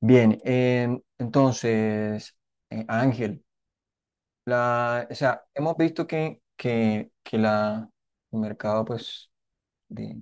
Bien, entonces, Ángel, o sea, hemos visto que el mercado pues, de,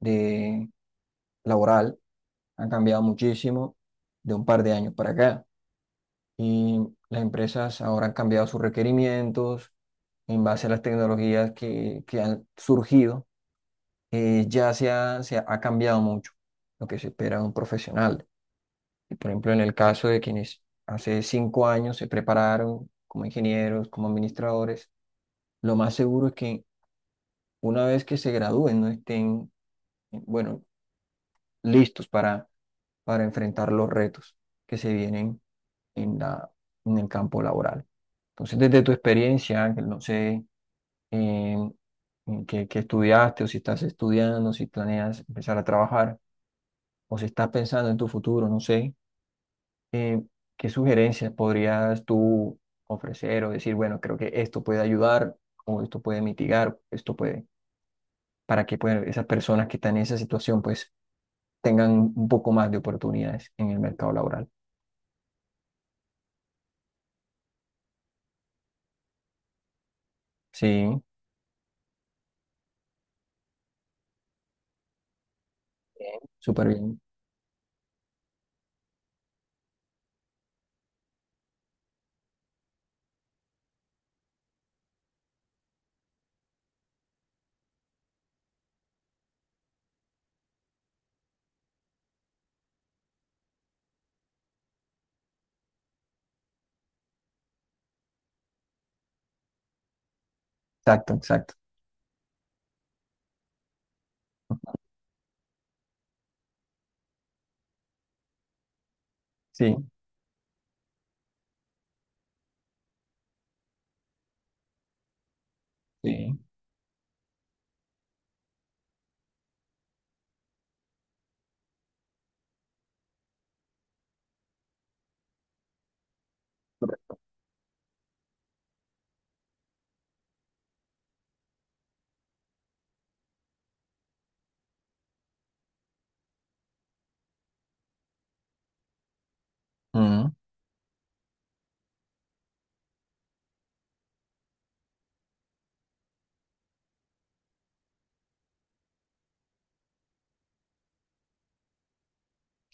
de laboral ha cambiado muchísimo de un par de años para acá. Y las empresas ahora han cambiado sus requerimientos en base a las tecnologías que han surgido. Ya se ha cambiado mucho lo que se espera de un profesional. Por ejemplo, en el caso de quienes hace cinco años se prepararon como ingenieros, como administradores, lo más seguro es que una vez que se gradúen no estén, eh, bueno, listos para enfrentar los retos que se vienen en en el campo laboral. Entonces, desde tu experiencia, Ángel, no sé eh, en qué estudiaste o si estás estudiando, si planeas empezar a trabajar o si estás pensando en tu futuro, no sé. eh, ¿Qué sugerencias podrías tú ofrecer o decir, bueno, creo que esto puede ayudar o esto puede mitigar, para que pues, esas personas que están en esa situación pues tengan un poco más de oportunidades en el mercado laboral? Sí. Bien, súper bien. Exacto, exacto. Sí, sí. Ujú,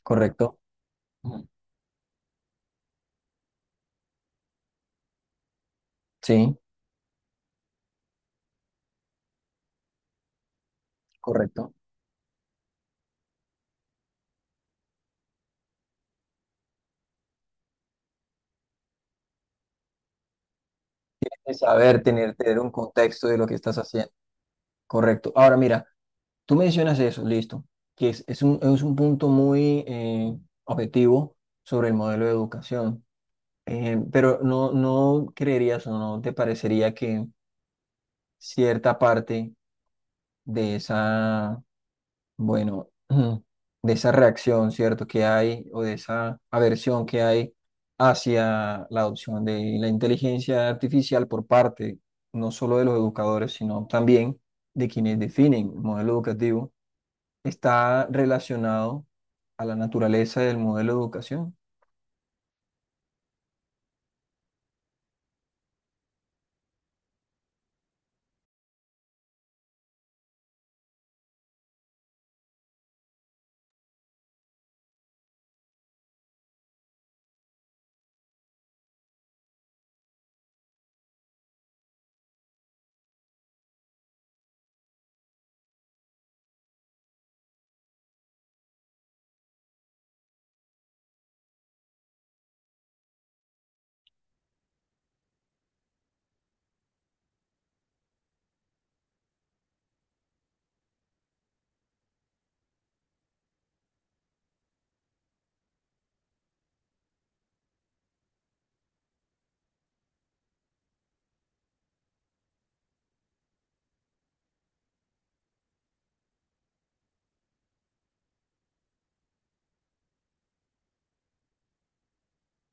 correcto. Ujú. Sí, correcto. Es saber tener un contexto de lo que estás haciendo. Correcto. Ahora mira. Tú mencionas eso, listo, que es es un punto muy objetivo sobre el modelo de educación. Pero no creerías o no te parecería que cierta parte de esa, bueno, de esa reacción, ¿cierto? Que hay o de esa aversión que hay hacia la adopción de la inteligencia artificial por parte no solo de los educadores, sino también de quienes definen el modelo educativo, está relacionado a la naturaleza del modelo de educación.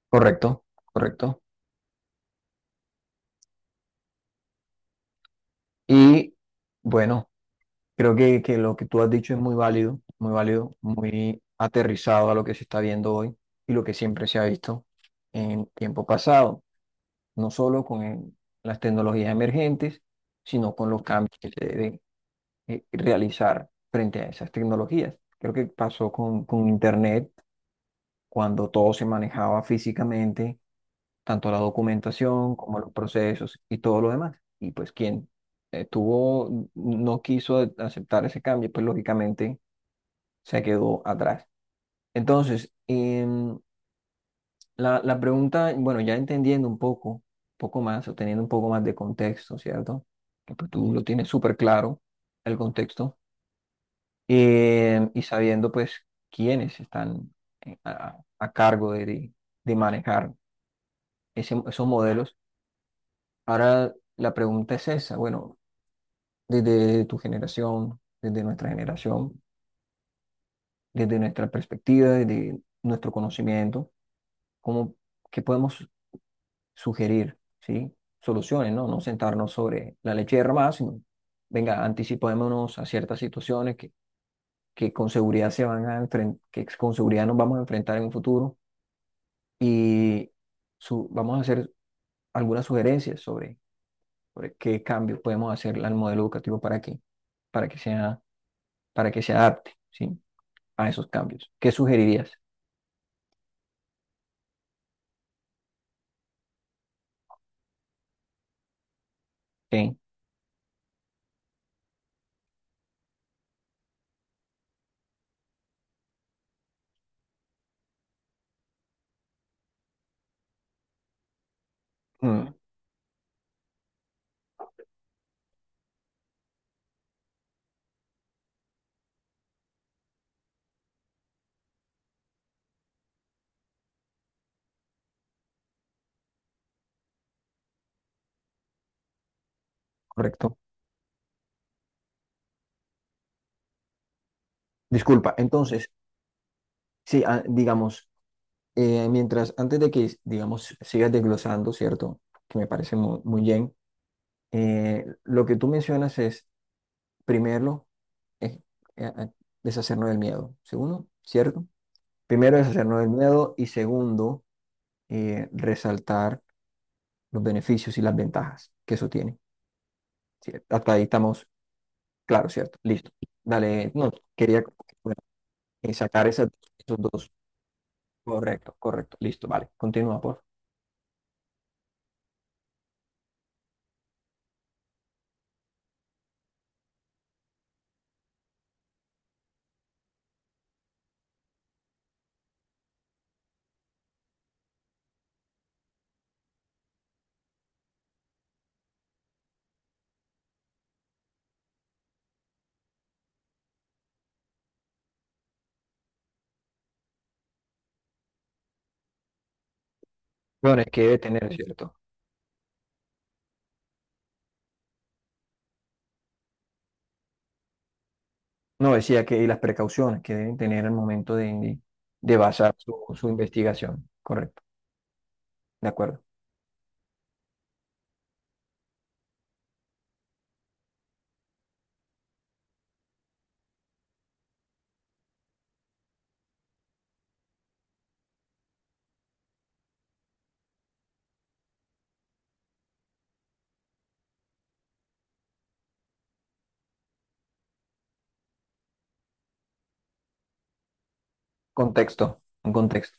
Correcto, correcto. Y bueno, creo que lo que tú has dicho es muy válido, muy válido, muy aterrizado a lo que se está viendo hoy y lo que siempre se ha visto en tiempo pasado, no solo con las tecnologías emergentes, sino con los cambios que se deben realizar frente a esas tecnologías. Creo que pasó con Internet cuando todo se manejaba físicamente, tanto la documentación como los procesos y todo lo demás. Y pues quien no quiso aceptar ese cambio, pues lógicamente se quedó atrás. Entonces, la pregunta, bueno, ya entendiendo un poco más, o teniendo un poco más de contexto, ¿cierto? Que pues tú lo tienes súper claro, el contexto, y sabiendo pues quiénes están a cargo de manejar esos modelos. Ahora la pregunta es esa, bueno, desde tu generación, desde nuestra perspectiva, desde nuestro conocimiento, ¿cómo, qué podemos sugerir? ¿Sí? Soluciones, ¿no? No sentarnos sobre la leche derramada, sino, venga, anticipémonos a ciertas situaciones que con seguridad se van a enfrentar, que con seguridad nos vamos a enfrentar en un futuro. Y vamos a hacer algunas sugerencias sobre qué cambio podemos hacer al modelo educativo para que sea, para que se adapte, ¿sí? A esos cambios. ¿Qué sugerirías? Sí, mm, correcto. Disculpa, entonces, sí, ah, digamos, mientras, antes de que, digamos, sigas desglosando, ¿cierto? Que me parece muy bien, lo que tú mencionas es, primero, es, eh, eh, deshacernos del miedo, segundo, ¿cierto? Primero, deshacernos del miedo y segundo, resaltar los beneficios y las ventajas que eso tiene. Sí, hasta ahí estamos, claro, ¿cierto? Listo. Dale, no, quería bueno, sacar esos dos. Correcto, correcto. Listo, vale. Continúa, por favor. Bueno, es que debe tener, ¿cierto? No, decía que y las precauciones que deben tener al momento de basar su investigación. Correcto, de acuerdo. Contexto, un contexto.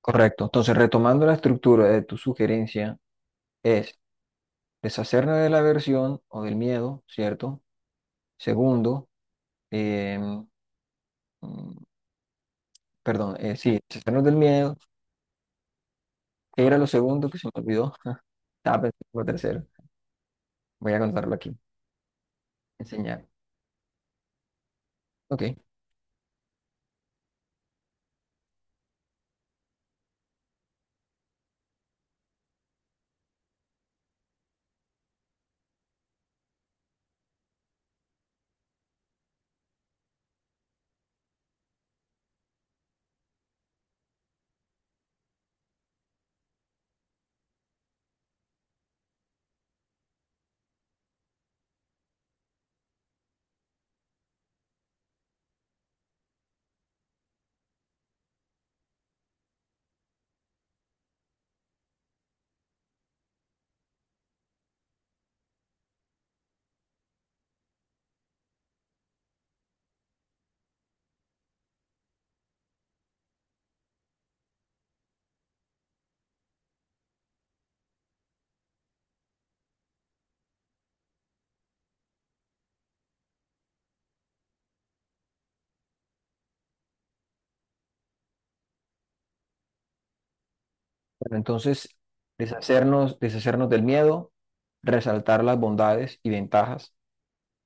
Correcto. Entonces, retomando la estructura de tu sugerencia, es deshacernos de la aversión o del miedo, ¿cierto? Segundo, em, mm, perdón, sí, deshacernos del miedo. ¿Qué era lo segundo que se me olvidó? Estaba pensando en lo tercero. Voy a contarlo aquí. Enseñar. Ok. Bueno, entonces, deshacernos del miedo, resaltar las bondades y ventajas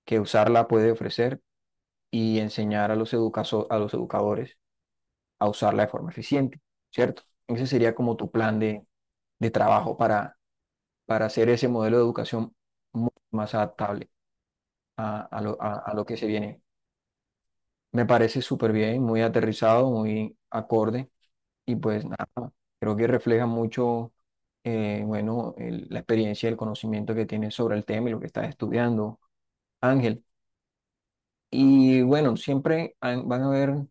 que usarla puede ofrecer y enseñar a los a los educadores a usarla de forma eficiente, ¿cierto? Ese sería como tu plan de trabajo para hacer ese modelo de educación más adaptable a, a lo que se viene. Me parece súper bien, muy aterrizado, muy acorde. Y pues nada, creo que refleja mucho, bueno, la experiencia, el conocimiento que tienes sobre el tema y lo que estás estudiando, Ángel. Y bueno, siempre van a haber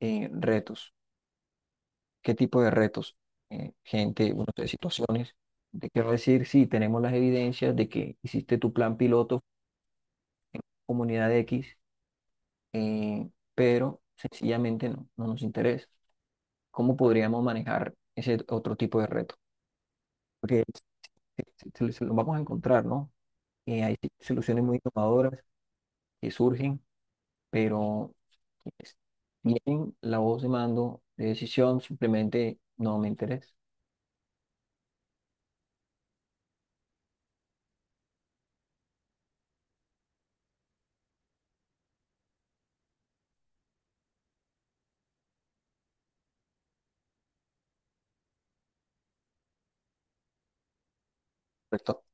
retos. ¿Qué tipo de retos? Gente, bueno, de situaciones. Te quiero decir, sí, tenemos las evidencias de que hiciste tu plan piloto, comunidad X, eh, pero sencillamente no nos interesa. ¿Cómo podríamos manejar ese otro tipo de reto? Porque se lo vamos a encontrar, ¿no? Hay soluciones muy innovadoras que surgen, pero quienes tienen la voz de mando de decisión, simplemente no me interesa. Perfecto.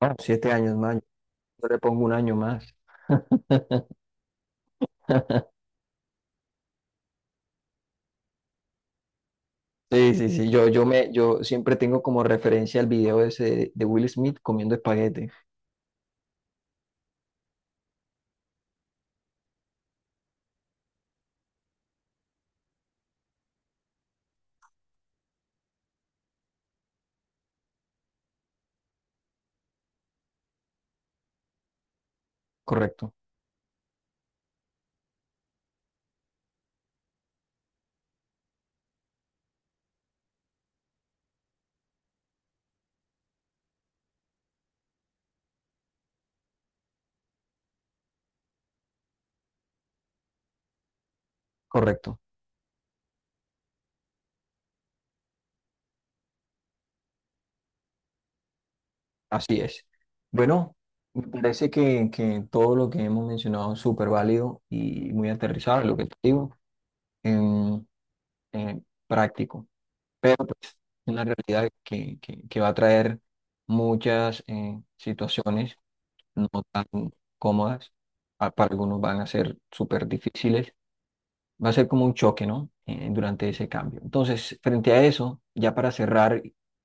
Ah, siete años más, yo le pongo un año más. Sí, sí, sí, yo siempre tengo como referencia el video ese de Will Smith comiendo espaguete. Correcto, correcto, así es. Bueno, me parece que todo lo que hemos mencionado es súper válido y muy aterrizado, lo que te digo. Em, eh, práctico, pero pues una realidad que va a traer muchas situaciones no tan cómodas, para algunos van a ser súper difíciles, va a ser como un choque, ¿no? Durante ese cambio. Entonces, frente a eso, ya para cerrar,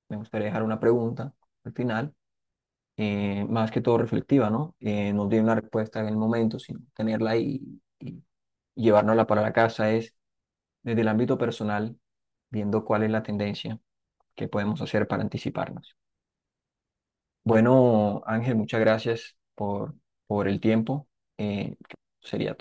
me gustaría dejar una pregunta al final, más que todo reflectiva, ¿no? No tiene una respuesta en el momento, sino tenerla y llevárnosla para la casa es desde el ámbito personal, viendo cuál es la tendencia que podemos hacer para anticiparnos. Bueno, Ángel, muchas gracias por el tiempo. Eh, sería